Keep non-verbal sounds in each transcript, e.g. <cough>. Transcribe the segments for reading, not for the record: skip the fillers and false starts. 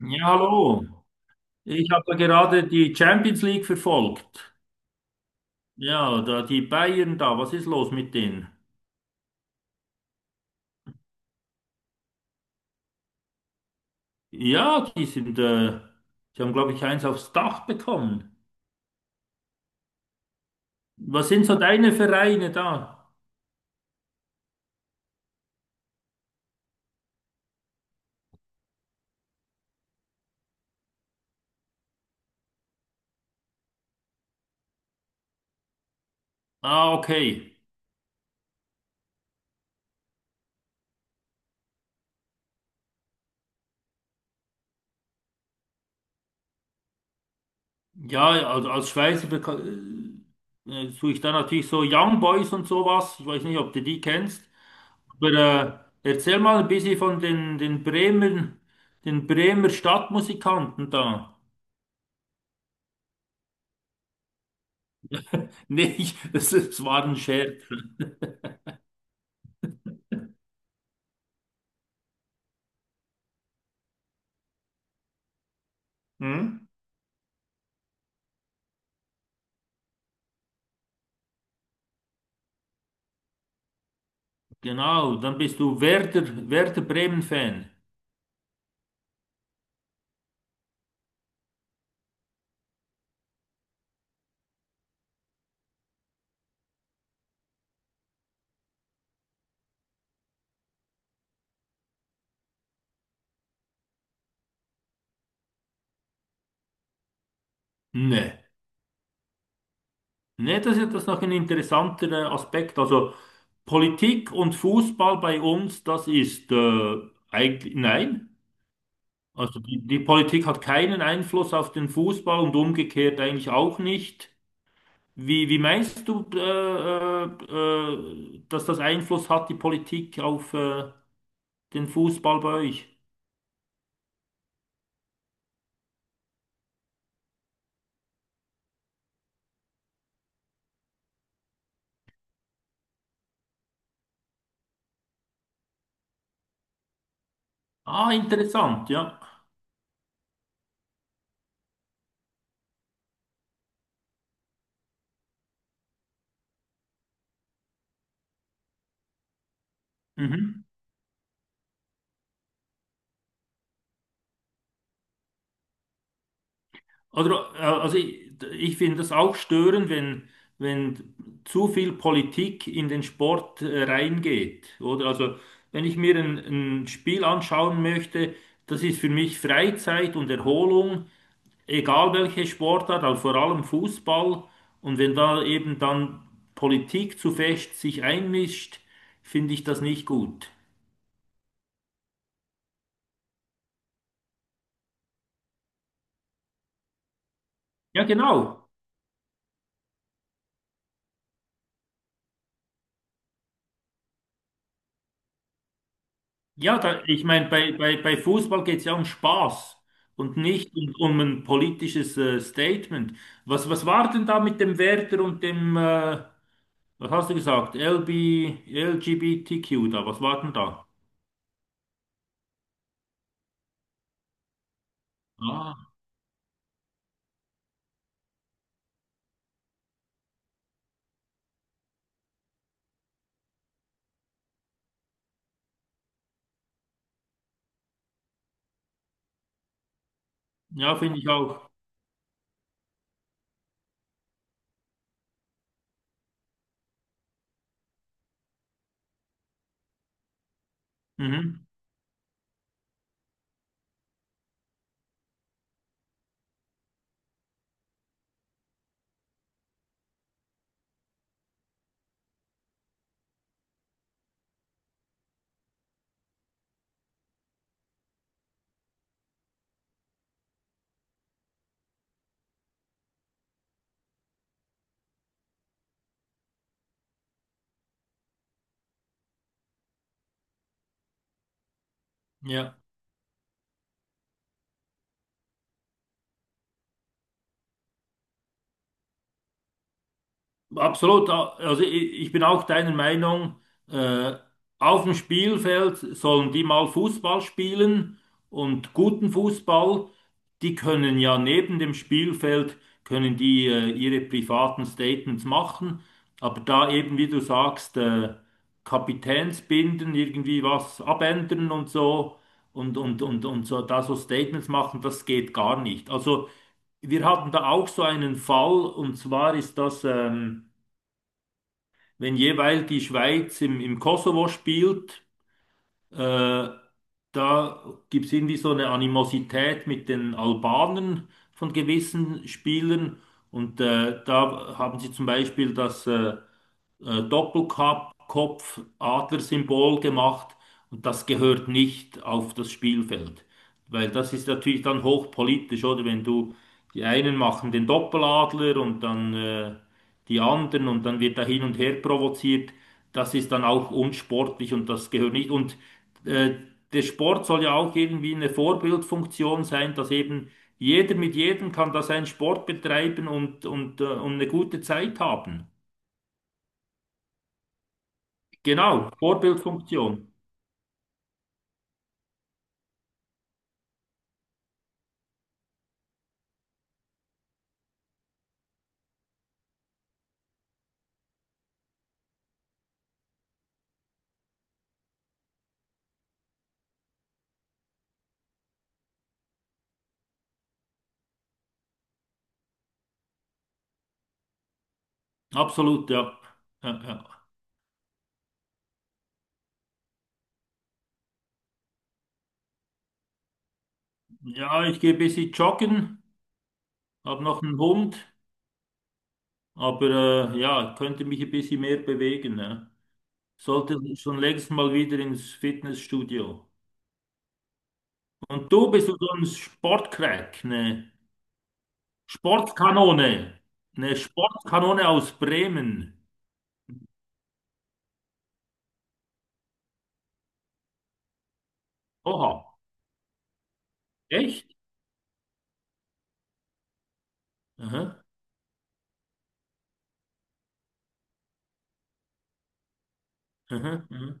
Ja, hallo. Ich habe gerade die Champions League verfolgt. Ja, da die Bayern da, was ist los mit denen? Ja, die sind, die haben, glaube ich, eins aufs Dach bekommen. Was sind so deine Vereine da? Ah, okay. Ja, also als Schweizer suche ich da natürlich so Young Boys und sowas. Ich weiß nicht, ob du die kennst. Aber erzähl mal ein bisschen von den Bremen, den Bremer Stadtmusikanten da. Nee, ich, <laughs> das, das war ein Scherz. Hm? Genau, dann bist du Werder, Bremen-Fan. Nee. Nee, das ist das noch ein interessanter Aspekt. Also Politik und Fußball bei uns, das ist eigentlich, nein. Also die Politik hat keinen Einfluss auf den Fußball und umgekehrt eigentlich auch nicht. Wie, wie meinst du, äh, dass das Einfluss hat, die Politik auf den Fußball bei euch? Ah, interessant, ja. Mhm. Oder, also ich finde das auch störend, wenn, wenn zu viel Politik in den Sport reingeht. Oder also, wenn ich mir ein Spiel anschauen möchte, das ist für mich Freizeit und Erholung, egal welche Sportart, aber vor allem Fußball. Und wenn da eben dann Politik zu fest sich einmischt, finde ich das nicht gut. Ja, genau. Ja, da, ich meine, bei Fußball geht es ja um Spaß und nicht um, um ein politisches Statement. Was, was war denn da mit dem Werder und dem, was hast du gesagt, LB, LGBTQ da? Was war denn da? Ah, ja, finde ich auch. Mhm. Ja. Absolut, also ich bin auch deiner Meinung, äh, auf dem Spielfeld sollen die mal Fußball spielen und guten Fußball. Die können ja neben dem Spielfeld, können die ihre privaten Statements machen, aber da eben, wie du sagst, Kapitänsbinden, irgendwie was abändern und so, da so Statements machen, das geht gar nicht. Also wir hatten da auch so einen Fall und zwar ist das. Wenn jeweils die Schweiz im Kosovo spielt, äh, da gibt es irgendwie so eine Animosität mit den Albanern von gewissen Spielern. Und da haben sie zum Beispiel das Doppelkopf, Adlersymbol gemacht und das gehört nicht auf das Spielfeld. Weil das ist natürlich dann hochpolitisch, oder? Wenn du, die einen machen den Doppeladler und dann die anderen und dann wird da hin und her provoziert. Das ist dann auch unsportlich und das gehört nicht. Und äh, der Sport soll ja auch irgendwie eine Vorbildfunktion sein, dass eben jeder mit jedem kann da seinen Sport betreiben und, und eine gute Zeit haben. Genau, Vorbildfunktion. Absolut, ja. Ja, ja. Ja, ich gehe ein bisschen joggen, habe noch einen Hund, aber ja, könnte mich ein bisschen mehr bewegen. Ja. Sollte schon längst mal wieder ins Fitnessstudio. Und du bist so ein Sportcrack, Sportkanone, eine Sportkanone aus Bremen. Oha, echt? Aha, aha, aha,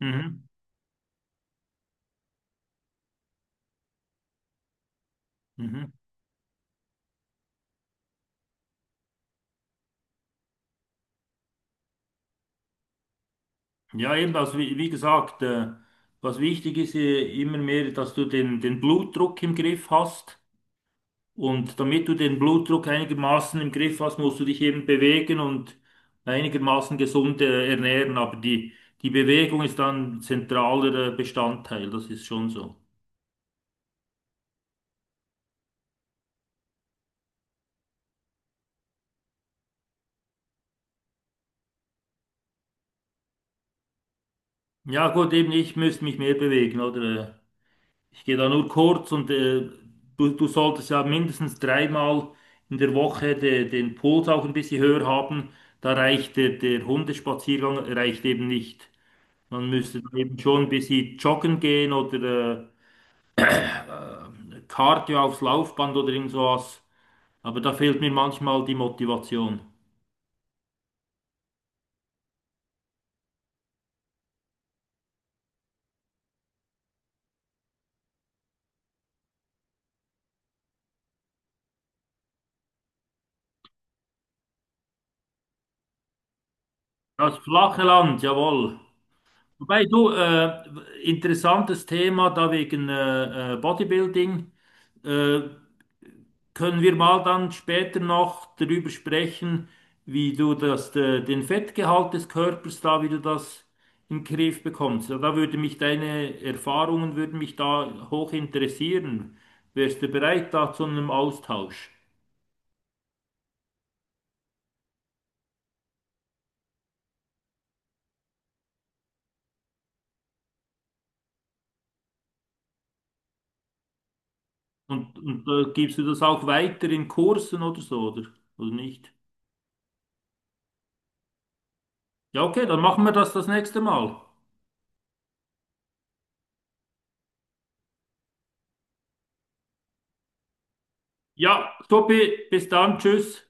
mhm, mhm. Ja, eben, also wie, wie gesagt, was wichtig ist immer mehr, dass du den Blutdruck im Griff hast. Und damit du den Blutdruck einigermaßen im Griff hast, musst du dich eben bewegen und einigermaßen gesund ernähren. Aber die, die Bewegung ist dann zentraler Bestandteil, das ist schon so. Ja, gut, eben ich müsste mich mehr bewegen, oder? Ich gehe da nur kurz und du, du solltest ja mindestens dreimal in der Woche den Puls auch ein bisschen höher haben. Da reicht der, der Hundespaziergang reicht eben nicht. Man müsste dann eben schon ein bisschen joggen gehen oder Cardio aufs Laufband oder irgend sowas. Aber da fehlt mir manchmal die Motivation. Das flache Land, jawohl. Wobei du, interessantes Thema da wegen Bodybuilding. Äh, Können wir mal dann später noch darüber sprechen, wie du das, den Fettgehalt des Körpers da, wie du das in den Griff bekommst? Ja, da würde mich deine Erfahrungen würden mich da hoch interessieren. Wärst du bereit da zu einem Austausch? Und, gibst du das auch weiter in Kursen oder so, oder? Oder nicht? Ja, okay, dann machen wir das nächste Mal. Ja, Tobi, bis dann, tschüss.